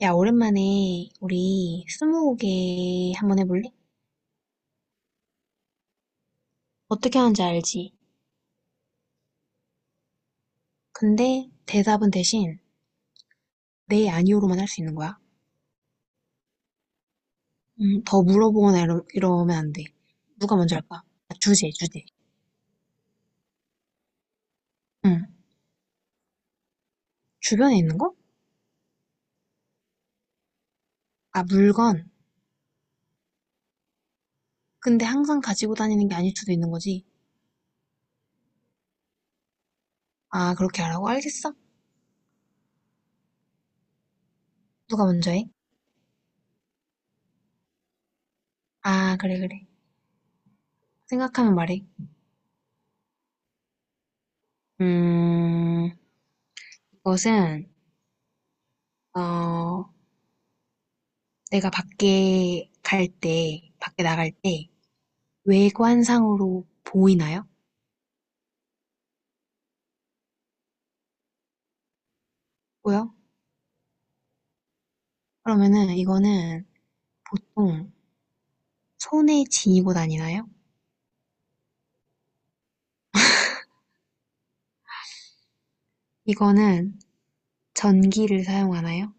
야, 오랜만에 우리 스무고개 한번 해볼래? 어떻게 하는지 알지? 근데 대답은 대신 네, 아니오로만 할 수 있는 거야. 더 물어보거나 이러면 안 돼. 누가 먼저 할까? 아, 주제, 주제. 응. 주변에 있는 거? 아, 물건. 근데 항상 가지고 다니는 게 아닐 수도 있는 거지. 아, 그렇게 하라고? 알겠어. 누가 먼저 해? 아, 그래, 그래. 생각하면 말해. 음, 이것은, 어, 내가 밖에 나갈 때, 외관상으로 보이나요? 보여? 그러면은 이거는 보통 손에 지니고 다니나요? 이거는 전기를 사용하나요?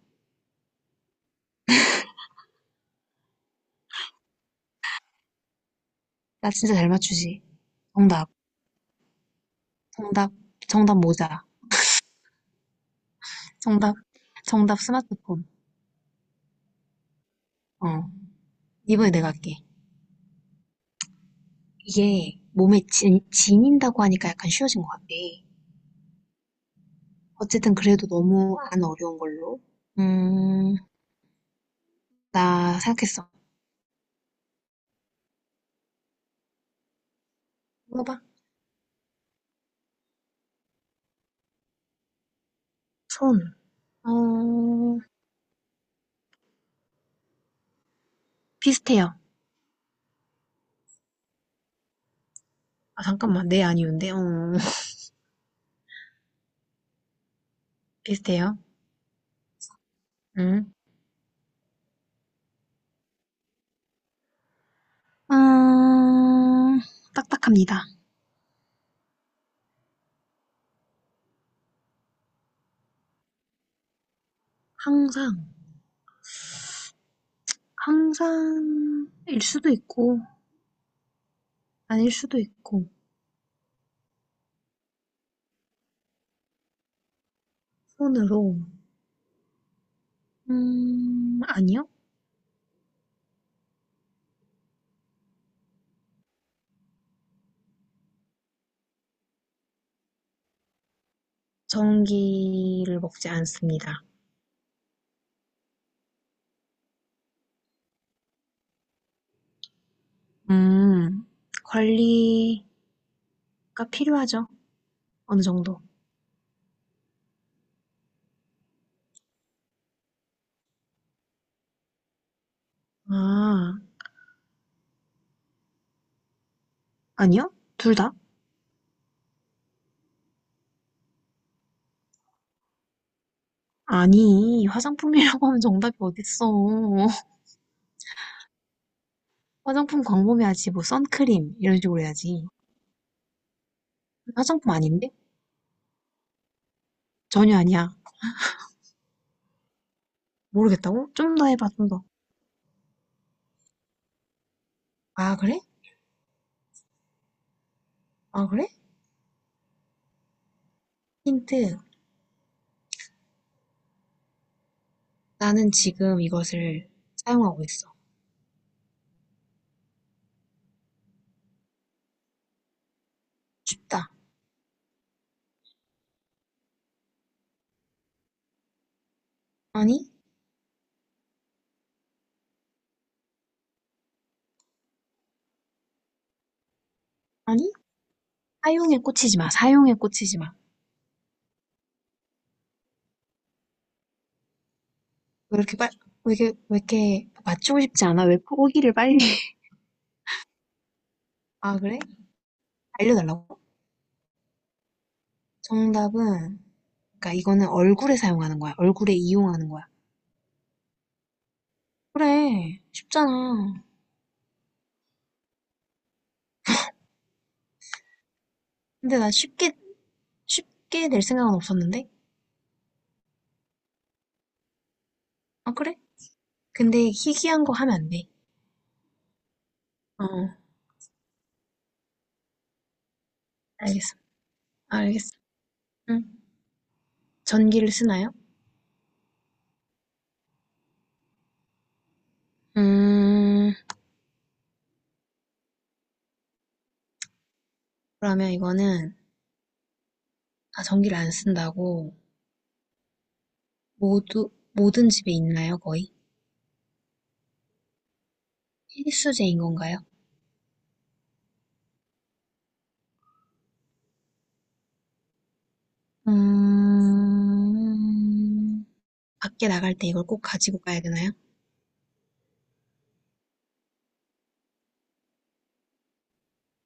나 진짜 잘 맞추지. 정답. 정답. 정답 모자. 정답. 정답 스마트폰. 어. 이번에 내가 할게. 이게 몸에 지닌다고 하니까 약간 쉬워진 것 같아. 어쨌든 그래도 너무 안 어려운 걸로. 음, 나 생각했어. 물어봐. 손. 어, 비슷해요. 아, 잠깐만. 네, 아니운데. 어, 비슷해요. 음. 어, 딱딱합니다. 항상, 항상 일 수도 있고 아닐 수도 있고, 손으로, 아니요. 전기를 먹지 않습니다. 음, 관리가 필요하죠. 어느 정도. 아, 아니요? 둘 다? 아니, 화장품이라고 하면 정답이 어딨어. 화장품 광범위하지, 뭐, 선크림, 이런 식으로 해야지. 화장품 아닌데? 전혀 아니야. 모르겠다고? 좀 더 해봐, 좀 더. 아, 그래? 아, 그래? 힌트. 나는 지금 이것을 사용하고 있어. 춥다. 아니? 아니? 사용에 꽂히지 마. 사용에 꽂히지 마. 왜 이렇게 빨, 왜 이렇게 맞추고 싶지 않아? 왜 포기를 빨리. 아, 그래? 알려달라고? 정답은, 그러니까 이거는 얼굴에 사용하는 거야. 얼굴에 이용하는 거야. 그래. 쉽잖아. 근데 나 쉽게 쉽게 낼 생각은 없었는데? 아, 그래? 근데 희귀한 거 하면 안 돼. 어, 알겠어. 알겠어. 응. 전기를 쓰나요? 음, 그러면 이거는, 아, 전기를 안 쓴다고, 모든 집에 있나요, 거의? 필수제인 건가요? 음, 밖에 나갈 때 이걸 꼭 가지고 가야 되나요?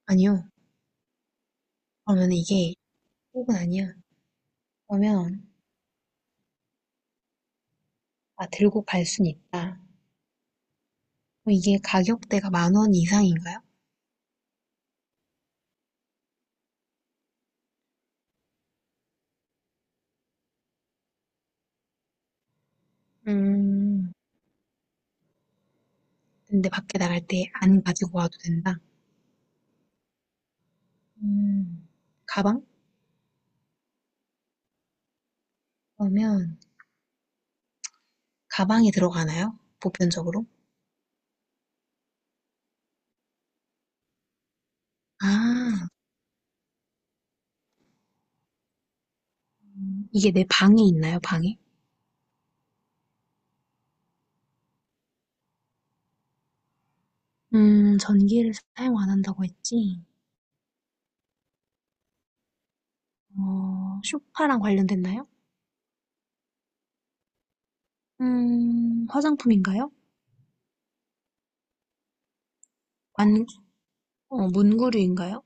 아니요. 그러면 이게 꼭은 아니야. 그러면, 아, 들고 갈 순 있다. 그럼 이게 가격대가 10,000원 이상인가요? 음, 근데 밖에 나갈 때 안 가지고 와도 된다. 음, 가방? 그러면, 가방에 들어가나요? 보편적으로? 아, 이게 내 방에 있나요, 방에? 전기를 사용 안 한다고 했지. 어, 쇼파랑 관련됐나요? 화장품인가요? 안, 어, 문구류인가요?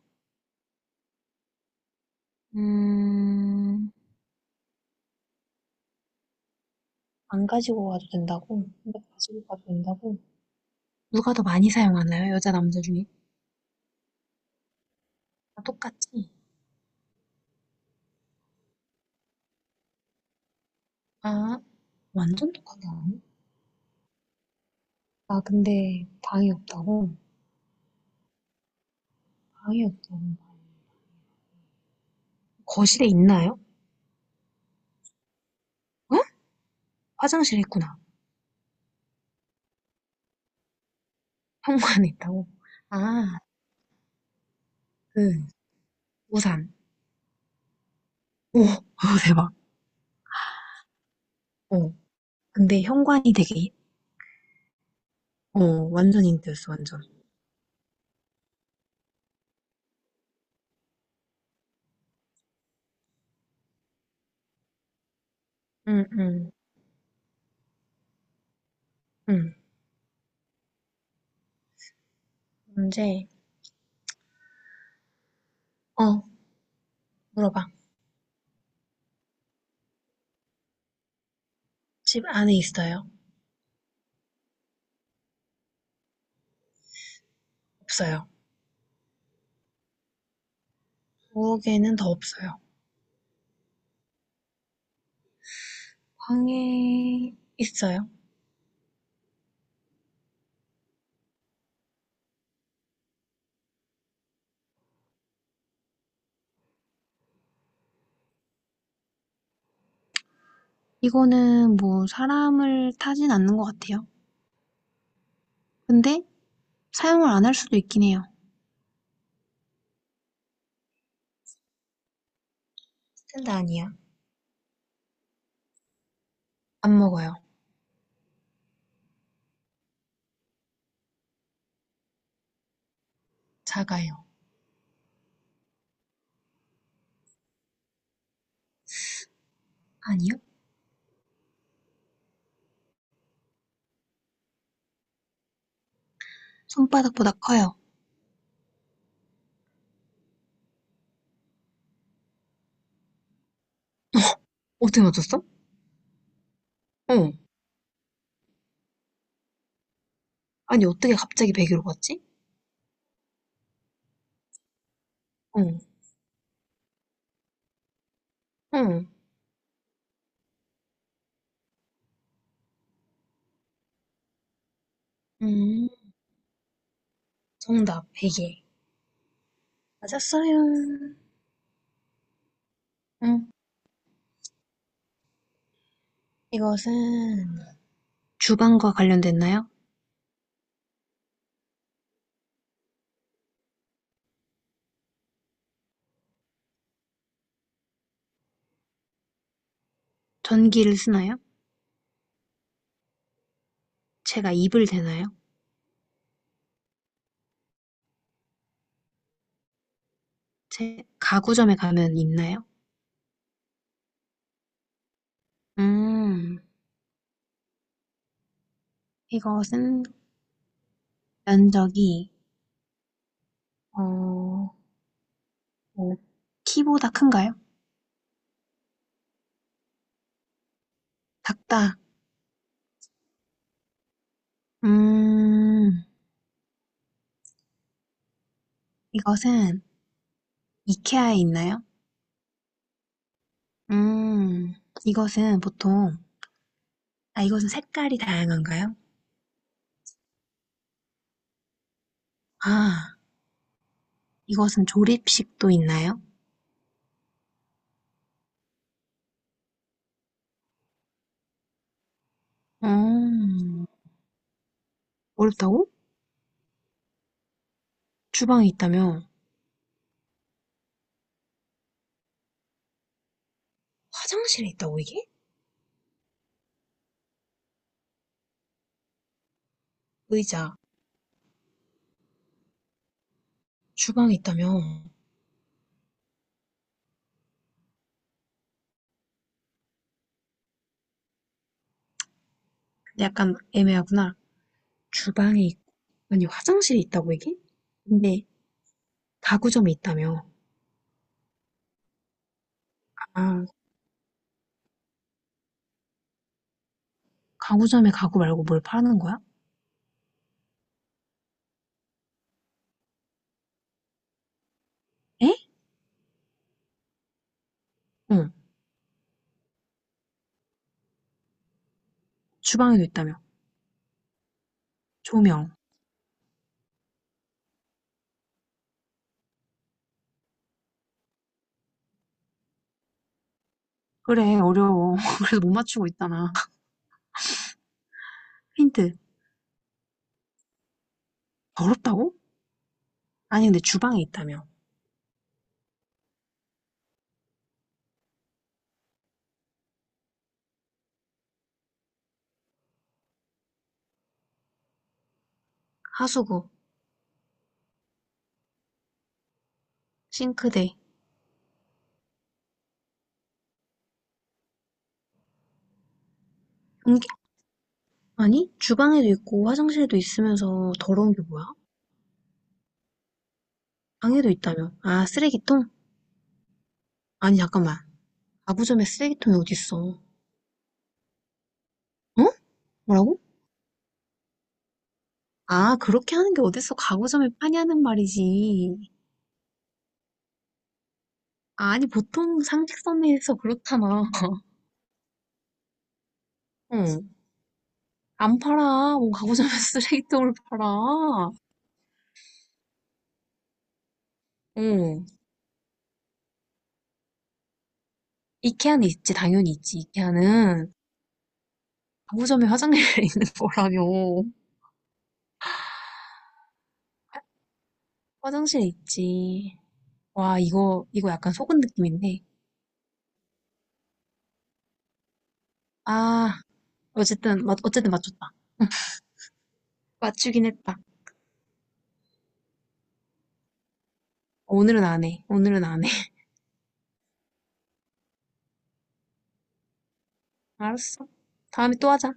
음, 안 가지고 가도 된다고? 근데 가지고 가도 된다고? 누가 더 많이 사용하나요? 여자, 남자 중에? 다 똑같지? 아, 완전 똑같네. 아, 근데 방이 없다고? 방이 없다고. 거실에 있나요? 어? 화장실에 있구나. 현관 에 있다고? 아, 그, 우산. 오, 오, 대박. 어, 근데 현관이 되게, 어, 완전 힌트였어, 완전. 응, 응, 응. 문제, 어, 물어봐. 집 안에 있어요? 없어요. 부엌에는 더 없어요. 방에 있어요? 이거는 뭐, 사람을 타진 않는 것 같아요. 근데, 사용을 안 할 수도 있긴 해요. 스탠드 아니야. 안 먹어요. 작아요. 아니요? 손바닥보다 커요. 어떻게 맞췄어? 어. 아니, 어떻게 갑자기 1 0로 갔지? 응, 응, 음, 정답, 베개. 맞았어요. 응, 이것은 주방과 관련됐나요? 전기를 쓰나요? 제가 이불 되나요? 제 가구점에 가면 있나요? 음, 이것은 면적이, 어, 뭐, 키보다 큰가요? 작다. 음, 이것은 이케아에 있나요? 음, 이것은 보통, 아, 이것은 색깔이 다양한가요? 아, 이것은 조립식도 있나요? 음, 어렵다고? 주방에 있다며? 화장실에 있다고, 이게? 의자, 주방에 있다며? 약간 애매하구나. 주방에 있 아니, 화장실에 있다고, 이게? 근데, 가구점에 있다며? 아, 가구점에 가구 말고 뭘 파는 거야? 에? 응, 주방에도 있다며. 조명. 그래, 어려워. 그래서 못 맞추고 있잖아. 힌트. 어렵다고? 아니, 근데 주방에 있다며. 하수구, 싱크대, 변기, 아니, 주방에도 있고 화장실에도 있으면서 더러운 게 뭐야? 방에도 있다며. 아, 쓰레기통? 아니, 잠깐만. 가구점에 쓰레기통이 어딨어. 어? 뭐라고? 아, 그렇게 하는 게 어딨어. 가구점에 파냐는 말이지. 아니, 보통 상식선에서 그렇잖아. 응. 안 팔아. 뭐, 가구점에 쓰레기통을 팔아. 응. 이케아는 있지. 당연히 있지. 이케아는. 가구점에 화장실에 있는 거라며. 화장실에 있지. 와, 이거 약간 속은 느낌인데. 아, 어쨌든 맞췄다. 맞추긴 했다. 오늘은 안 해. 오늘은 안 해. 알았어. 다음에 또 하자.